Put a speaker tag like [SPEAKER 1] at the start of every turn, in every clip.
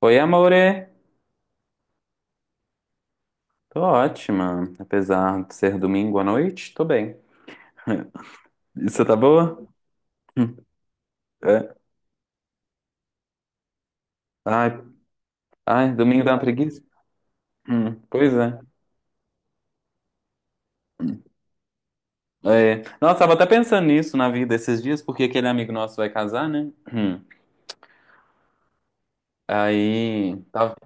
[SPEAKER 1] Oi, amore. Tô ótima. Apesar de ser domingo à noite, tô bem. E você tá boa? Hum. É. Ai, ai, domingo dá uma preguiça? Pois é. É. Nossa, tava até pensando nisso na vida esses dias, porque aquele amigo nosso vai casar, né? Hum. Aí, tava.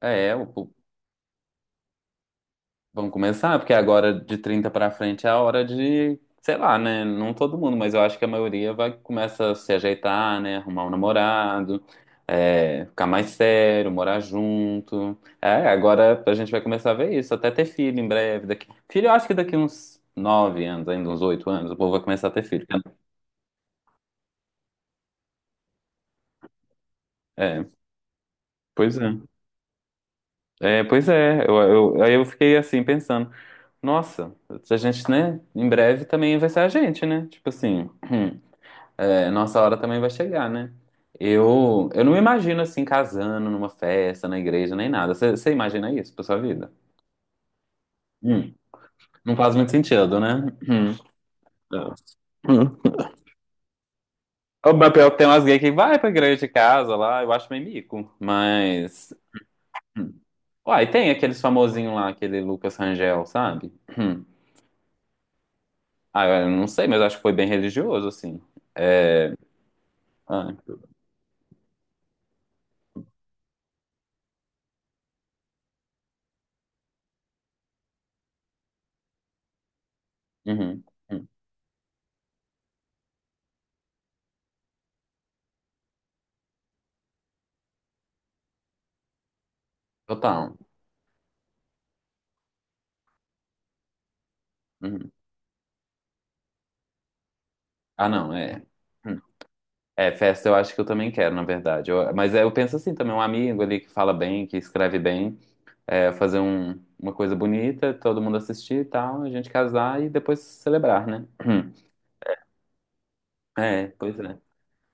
[SPEAKER 1] É. Vamos começar, porque agora de 30 pra frente é a hora de, sei lá, né? Não todo mundo, mas eu acho que a maioria vai começa a se ajeitar, né? Arrumar um namorado, é, ficar mais sério, morar junto. É, agora a gente vai começar a ver isso, até ter filho em breve. Filho, eu acho que daqui uns 9 anos, ainda uns 8 anos, o povo vai começar a ter filho, né? É, pois é. É, pois é, aí eu fiquei assim pensando, nossa, a gente, né, em breve também vai ser a gente, né? Tipo assim. É, nossa hora também vai chegar, né? Eu não me imagino assim casando numa festa, na igreja, nem nada. Você imagina isso pra sua vida? Hum, não faz muito sentido, né? Hum. Hum. O meu pior que tem umas gays que vai pra igreja de casa lá, eu acho meio mico, mas. Hum. Uai, tem aqueles famosinho lá, aquele Lucas Rangel, sabe? Hum. Ah, eu não sei, mas eu acho que foi bem religioso, assim. Ah, uhum, uhum. Total. Uhum. Ah, não, é. Hum. É, festa eu acho que eu também quero, na verdade. Mas é, eu penso assim também, um amigo ali que fala bem, que escreve bem, é, fazer uma coisa bonita, todo mundo assistir e tal, a gente casar e depois celebrar, né? É, pois é.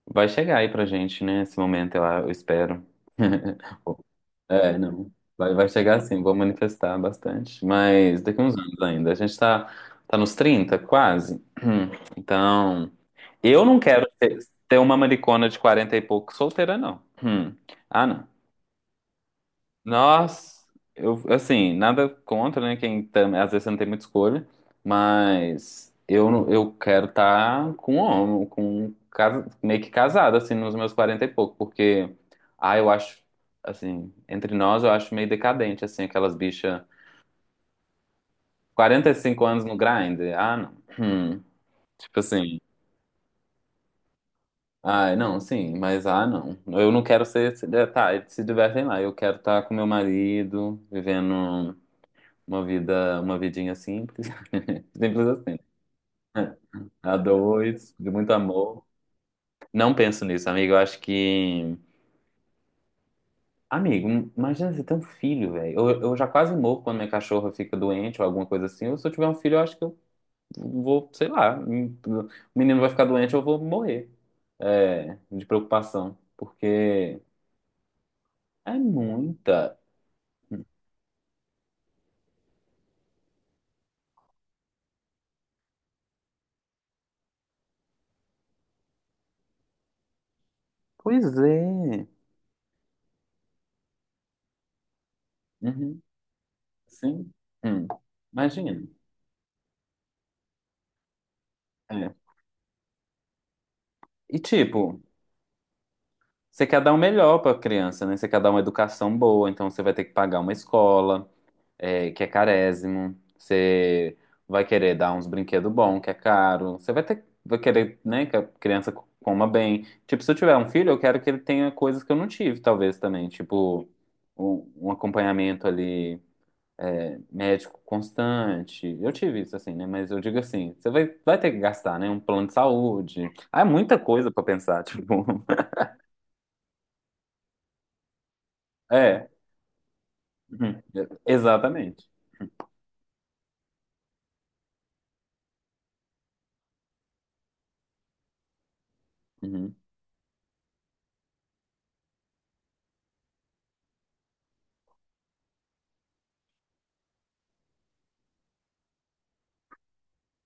[SPEAKER 1] Vai chegar aí pra gente, né? Esse momento, eu espero. É, não. Vai chegar sim, vou manifestar bastante. Mas daqui uns anos ainda. A gente tá, tá nos 30 quase. Então. Eu não quero ter uma maricona de 40 e pouco solteira, não. Hum. Ah, não. Nós, eu, assim, nada contra, né? Às vezes você não tem muita escolha, mas eu, não- eu quero estar com um homem, meio que casado, assim, nos meus 40 e pouco, porque, eu acho, assim, entre nós eu acho meio decadente, assim, aquelas bichas 45 anos no grind. Ah, não. Hum. Tipo assim. Ah, não, sim, mas ah, não. Eu não quero ser. Tá, eles se divertem lá. Eu quero estar com meu marido, vivendo uma vida, uma vidinha simples. Simples assim, né? A dois, de muito amor. Não penso nisso, amigo. Eu acho que. Amigo, imagina você ter um filho, velho. Eu já quase morro quando minha cachorra fica doente ou alguma coisa assim. Ou se eu tiver um filho, eu acho que eu vou, sei lá. O menino vai ficar doente, eu vou morrer. É, de preocupação. Porque. É muita. Pois é. Uhum, sim. Hum. Imagina. É. E tipo, você quer dar o melhor para a criança, né? Você quer dar uma educação boa, então você vai ter que pagar uma escola, que é carésimo. Você vai querer dar uns brinquedos bons, que é caro. Você vai ter, vai querer, né, que a criança coma bem. Tipo, se eu tiver um filho, eu quero que ele tenha coisas que eu não tive, talvez também. Tipo, um acompanhamento ali. Médico constante. Eu tive isso assim, né? Mas eu digo assim, você vai ter que gastar, né? Um plano de saúde. Ah, é muita coisa pra pensar, tipo. É, uhum. Exatamente. Uhum.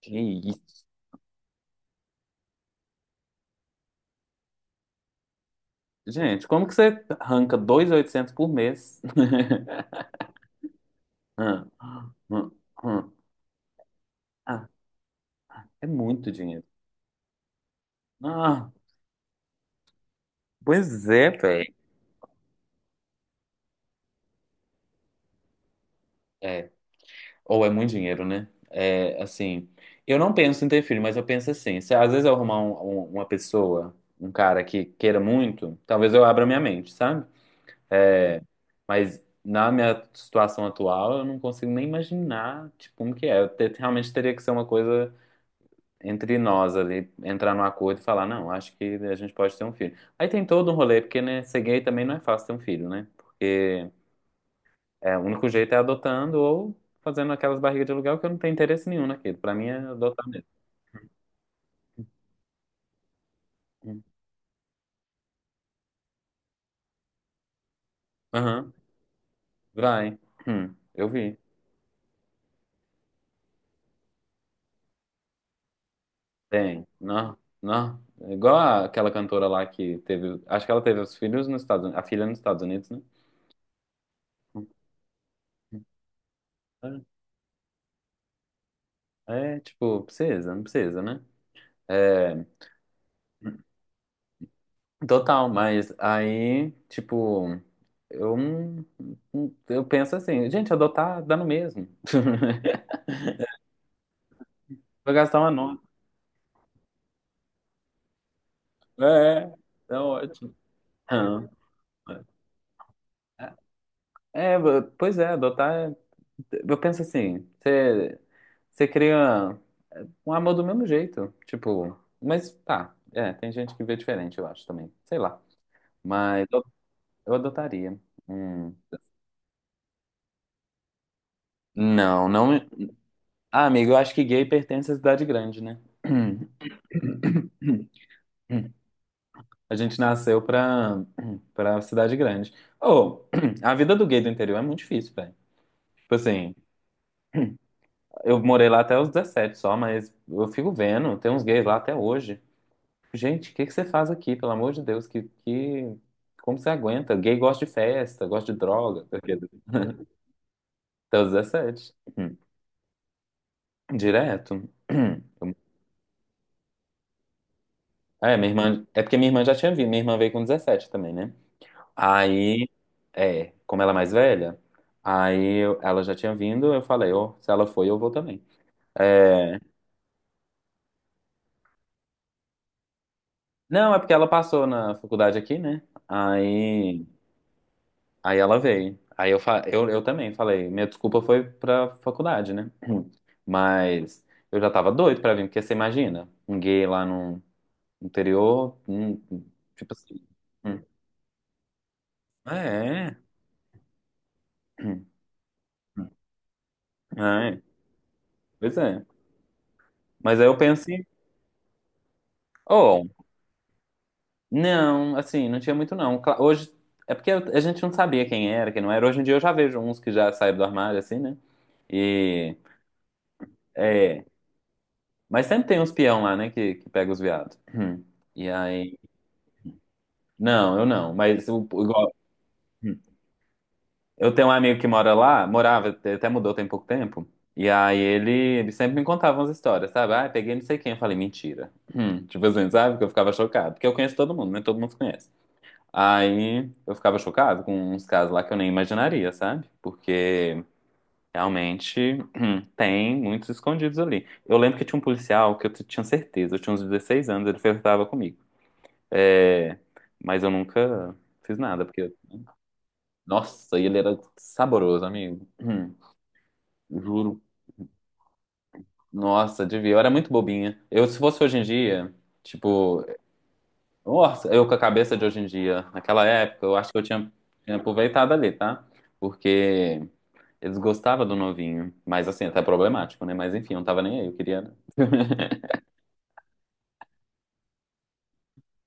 [SPEAKER 1] Que isso. Gente, como que você arranca 2.800 por mês? Ah, ah, ah. Ah, é muito dinheiro. Ah, pois é, velho. É. Ou é muito dinheiro, né? É, assim, eu não penso em ter filho, mas eu penso assim, se às vezes eu arrumar uma pessoa, um cara que queira muito, talvez eu abra minha mente, sabe? Mas na minha situação atual, eu não consigo nem imaginar, tipo, como que é. Realmente teria que ser uma coisa entre nós ali, entrar num acordo e falar, não, acho que a gente pode ter um filho. Aí tem todo um rolê, porque, né, ser gay também não é fácil ter um filho, né? É, o único jeito é adotando ou fazendo aquelas barrigas de aluguel que eu não tenho interesse nenhum naquilo. Pra mim é adotar mesmo. Hum. Aham, vai. Eu vi. Tem. Não, não. É. Igual aquela cantora lá que teve. Acho que ela teve os filhos nos Estados Unidos. A filha nos Estados Unidos, né? É, é, tipo, precisa, não precisa, né? É, total, mas aí, tipo, eu, não- não- eu penso assim, gente, adotar dá no mesmo. Vou gastar uma nota. É, é ótimo. Aham. É, pois é, adotar. Eu penso assim, você cria um amor do mesmo jeito, tipo, mas tá, é, tem gente que vê diferente, eu acho também, sei lá. Mas eu adotaria. Hum. Não, não. Ah, amigo, eu acho que gay pertence à cidade grande, né? A gente nasceu pra cidade grande. Ô, a vida do gay do interior é muito difícil, velho. Tipo assim. Eu morei lá até os 17 só, mas eu fico vendo, tem uns gays lá até hoje. Gente, o que que você faz aqui, pelo amor de Deus? Como você aguenta? Gay gosta de festa, gosta de droga. Até os 17. Direto. Hum. É, é porque minha irmã já tinha vindo, minha irmã veio com 17 também, né? Aí, é, como ela é mais velha, ela já tinha vindo, eu falei, ó, se ela foi, eu vou também. É... Não, é porque ela passou na faculdade aqui, né? Aí. Aí ela veio. Aí eu também falei. Minha desculpa foi pra faculdade, né? Mas eu já tava doido pra vir, porque você imagina, um gay lá no interior, tipo assim. hum, É, é, pois é. Mas aí eu pensei, oh, não, assim, não tinha muito não. Hoje, é porque a gente não sabia quem era, quem não era. Hoje em dia eu já vejo uns que já saíram do armário, assim, né? E, é, mas sempre tem uns peão lá, né, que pega os viados. Hum. E aí. Não, eu não. Mas igual, hum, eu tenho um amigo que mora lá, morava, até mudou tem pouco tempo. E aí ele sempre me contava umas histórias, sabe? Ah, peguei não sei quem. Eu falei, mentira. Tipo assim, sabe? Que eu ficava chocado. Porque eu conheço todo mundo, né? Todo mundo se conhece. Aí eu ficava chocado com uns casos lá que eu nem imaginaria, sabe? Porque realmente tem muitos escondidos ali. Eu lembro que tinha um policial que eu tinha certeza, eu tinha uns 16 anos, ele flertava comigo. É, mas eu nunca fiz nada, porque. Nossa, e ele era saboroso, amigo. Juro. Nossa, devia. Eu era muito bobinha. Eu, se fosse hoje em dia, tipo, nossa, eu com a cabeça de hoje em dia, naquela época, eu acho que eu tinha aproveitado ali, tá? Porque eles gostavam do novinho. Mas assim, até problemático, né? Mas enfim, eu não tava nem aí, eu queria. É,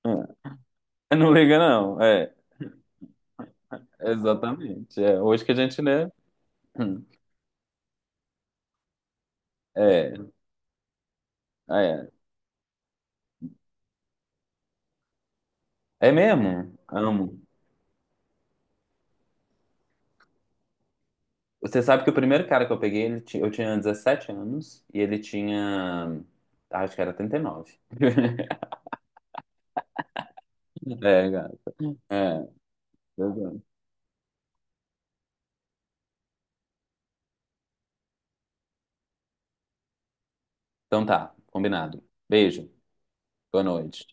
[SPEAKER 1] não liga, não. É, exatamente. É, hoje que a gente lê. Hum, é, é. É mesmo? Amo. Você sabe que o primeiro cara que eu peguei, eu tinha 17 anos e ele tinha. Acho que era 39. É, cara. É, pois é. Então tá, combinado. Beijo, boa noite.